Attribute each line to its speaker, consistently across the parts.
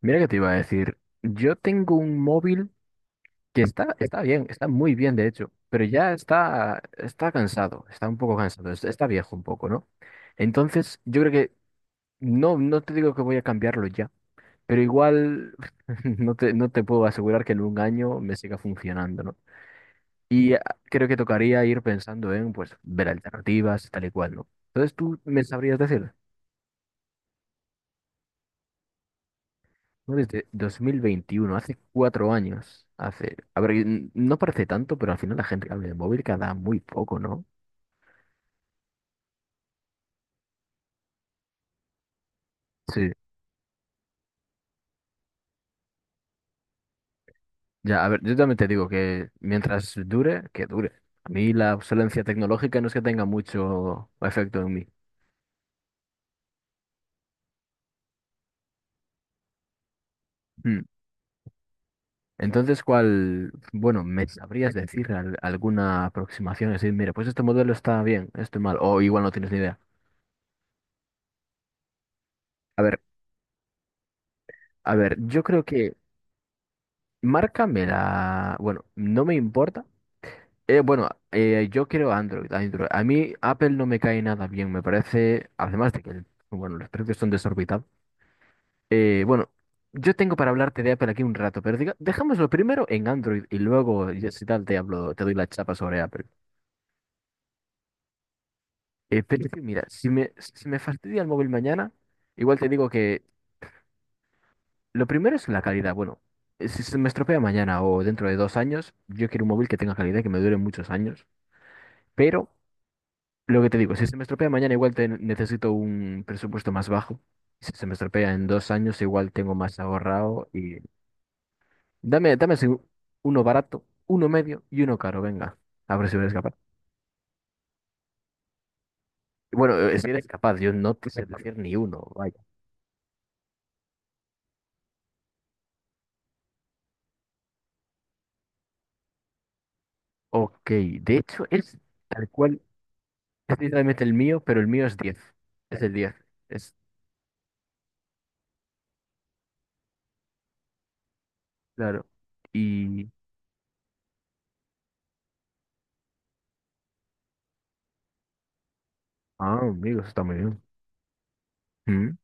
Speaker 1: Mira que te iba a decir, yo tengo un móvil que está bien, está muy bien de hecho, pero ya está cansado, está un poco cansado, está viejo un poco, ¿no? Entonces, yo creo que no te digo que voy a cambiarlo ya, pero igual no te puedo asegurar que en un año me siga funcionando, ¿no? Y creo que tocaría ir pensando en, pues, ver alternativas y tal y cual, ¿no? Entonces, ¿tú me sabrías decir? No, desde 2021 hace 4 años. Hace, a ver, no parece tanto, pero al final la gente que habla de móvil cada muy poco, ¿no? Sí. Ya, a ver, yo también te digo que mientras dure, que dure. A mí la obsolencia tecnológica no es que tenga mucho efecto en mí. Hmm. Entonces, ¿cuál, bueno, me sabrías decir alguna aproximación? Es decir, mira, pues este modelo está bien, este mal, o igual no tienes ni idea. A ver, a ver, yo creo que márcame la, bueno, no me importa. Bueno, yo quiero Android, Android. A mí Apple no me cae nada bien, me parece, además de que, bueno, los precios son desorbitados. Bueno, yo tengo para hablarte de Apple aquí un rato, pero diga, dejámoslo primero en Android y luego, ya si tal, te hablo, te doy la chapa sobre Apple. Pero es que, mira, si me fastidia el móvil mañana, igual te digo que lo primero es la calidad. Bueno, si se me estropea mañana o dentro de 2 años, yo quiero un móvil que tenga calidad, que me dure muchos años, pero... Lo que te digo, si se me estropea mañana, igual necesito un presupuesto más bajo. Si se me estropea en 2 años, igual tengo más ahorrado. Y dame así uno barato, uno medio y uno caro, venga. A ver si eres capaz. Bueno, si eres capaz, yo no te sé decir ni uno, vaya. Ok, de hecho es tal cual, es literalmente el mío, pero el mío es 10. Es el 10 es claro. Y... Ah, amigos, está muy bien. Mm.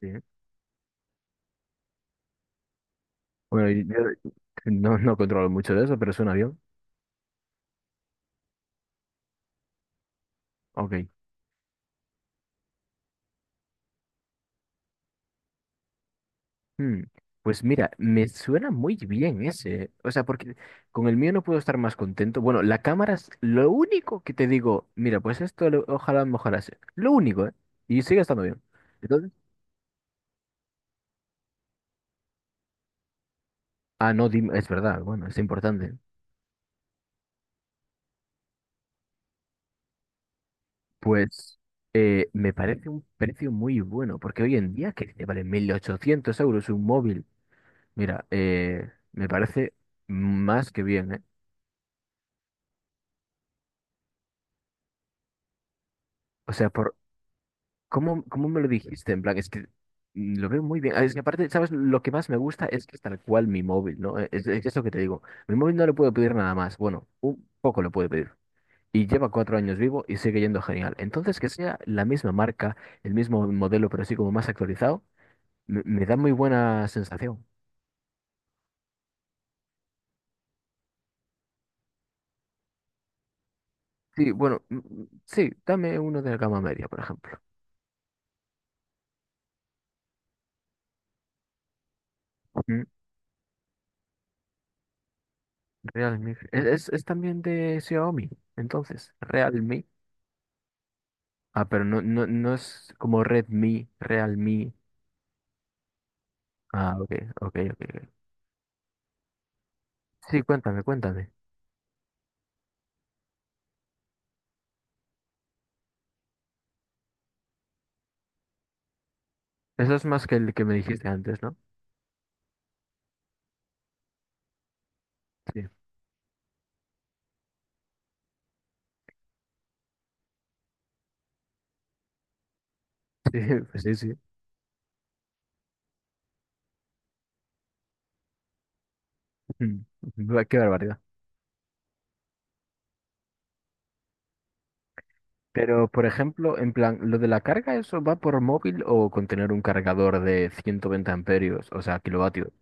Speaker 1: Sí. Bueno, y yo no controlo mucho de eso, pero es un avión. Ok. Hmm, Pues mira, me suena muy bien ese. O sea, porque con el mío no puedo estar más contento. Bueno, la cámara es lo único que te digo. Mira, pues esto ojalá mejorase. Lo único, ¿eh? Y sigue estando bien. Entonces, no, dime, es verdad, bueno, es importante. Pues me parece un precio muy bueno, porque hoy en día que te vale 1.800 euros un móvil. Mira, me parece más que bien, ¿eh? O sea, por ¿cómo me lo dijiste? En plan, es que lo veo muy bien. Ah, es que aparte, ¿sabes? Lo que más me gusta es que es tal cual mi móvil, ¿no? Es eso que te digo. Mi móvil no le puedo pedir nada más. Bueno, un poco le puedo pedir. Y lleva 4 años vivo y sigue yendo genial. Entonces, que sea la misma marca, el mismo modelo, pero sí como más actualizado, me da muy buena sensación. Sí, bueno, sí, dame uno de la gama media, por ejemplo. Mm, Realme. Es también de Xiaomi, entonces, Realme. Ah, pero no, no, no es como Redmi, Realme. Ah, ok, ok, ok. Ok. Sí, cuéntame, cuéntame. Eso es más que el que me dijiste antes, ¿no? Sí, sí, pues sí, sí. Mm, Va, qué barbaridad. Pero, por ejemplo, en plan, ¿lo de la carga, eso va por móvil o con tener un cargador de 120 amperios, o sea, kilovatios?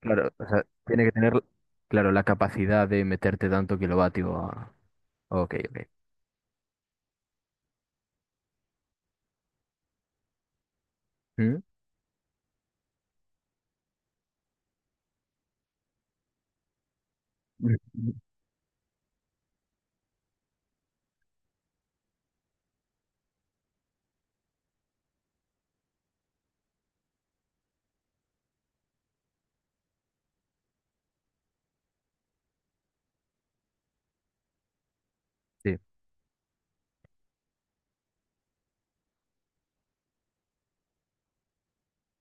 Speaker 1: Claro, o sea, tiene que tener, claro, la capacidad de meterte tanto kilovatio. Ok, ok. ¿Mm? Mm. Sí.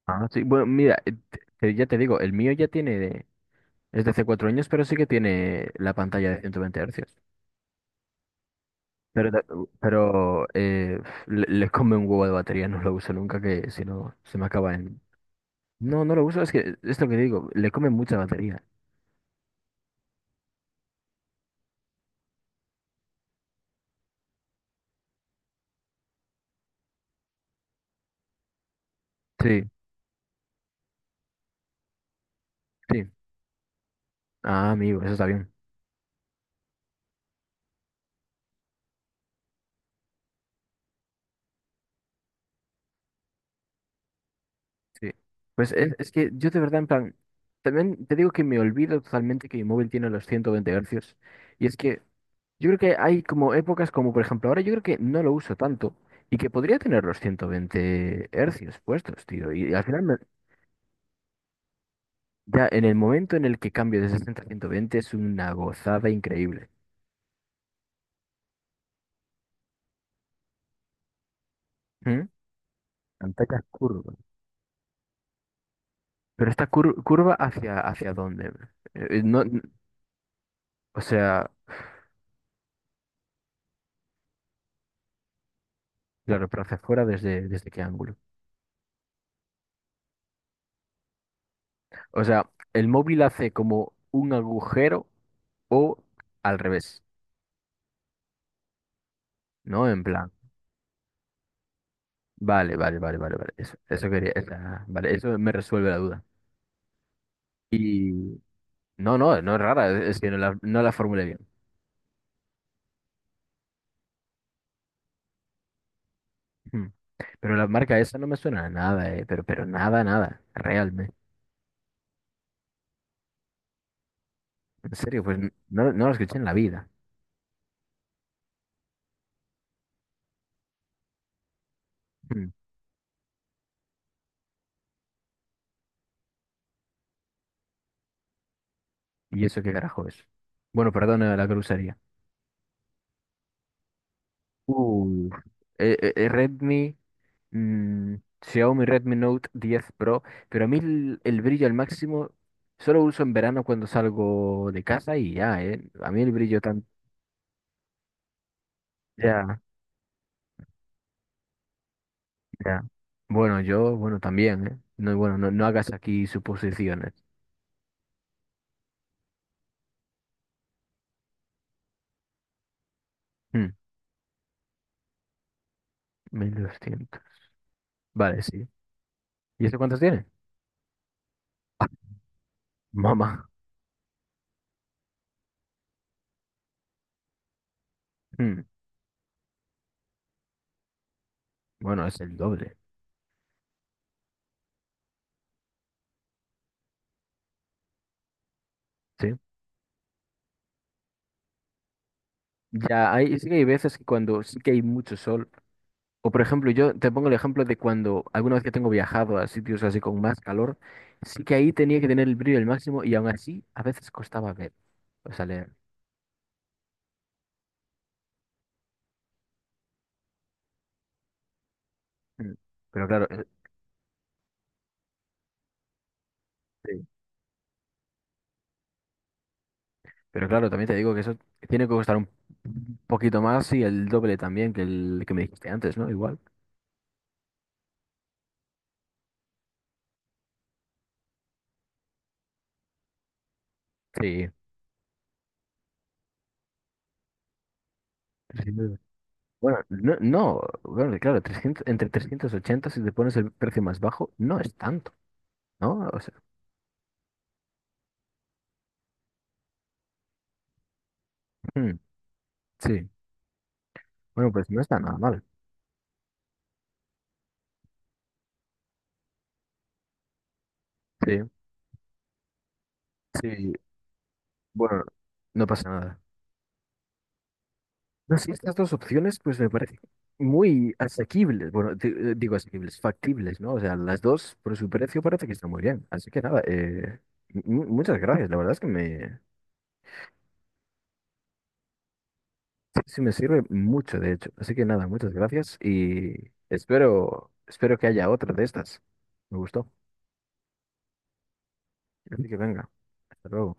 Speaker 1: Ah, sí. Bueno, mira, ya te digo, el mío ya tiene. Es de hace 4 años, pero sí que tiene la pantalla de 120 hercios. Pero, da- pero, le come un huevo de batería, no lo uso nunca, que si no se me acaba. No, no lo uso, es que es lo que digo, le come mucha batería. Sí, sí. Ah, amigo, eso está bien. Sí. Pues es que yo de verdad, en plan, también te digo que me olvido totalmente que mi móvil tiene los 120 hercios. Y es que yo creo que hay como épocas, como por ejemplo ahora, yo creo que no lo uso tanto y que podría tener los 120 hercios puestos, tío. Y al final ya en el momento en el que cambio de 60 a 120 es una gozada increíble. ¿Mm? Pantallas curvas. ¿Pero esta curva hacia dónde? No, o sea, claro, pero ¿hacia afuera desde qué ángulo? O sea, el móvil hace como un agujero o al revés, ¿no? En plan. Vale, vale, vale, vale, vale. Eso quería, vale, eso me resuelve la duda. Y no, no, no es rara, es que no la formulé bien. Hmm. Pero la marca esa no me suena a nada, pero nada, nada, realmente. En serio, pues no la escuché en la vida. Hmm. ¿Y eso qué carajo es? Bueno, perdona la grosería. Uh, eh, eh, eh, Redmi, mm, Xiaomi Redmi Note 10 Pro, pero a mí el brillo al máximo solo uso en verano cuando salgo de casa y ya. A mí el brillo tan. Ya, ya. Bueno, yo, bueno, también, ¿eh? No, bueno, no hagas aquí suposiciones. Hmm, 1.200. Vale, sí. ¿Y eso cuántos tiene? Mamá. Mm, bueno, es el doble, ¿sí? Ya, hay, sí que hay veces que cuando sí que hay mucho sol, o por ejemplo, yo te pongo el ejemplo de cuando alguna vez que tengo viajado a sitios así con más calor, sí que ahí tenía que tener el brillo al máximo y aún así a veces costaba ver, o sea, leer. Mm, Pero claro, sí. Pero claro, también te digo que eso tiene que costar un poquito más y el doble también que el que me dijiste antes, ¿no? Igual. Sí. 300. Bueno, no, no, bueno, claro, 300 entre 380 si te pones el precio más bajo, no es tanto, ¿no? O sea, hmm, sí. Bueno, pues no está nada mal. Sí, sí. Bueno, no pasa nada. No, sí, estas dos opciones pues me parecen muy asequibles, bueno, digo asequibles, factibles, ¿no? O sea, las dos por su precio parece que están muy bien. Así que nada, muchas gracias, la verdad es que sí, sí me sirve mucho, de hecho. Así que nada, muchas gracias y espero que haya otra de estas. Me gustó. Así que venga, hasta luego.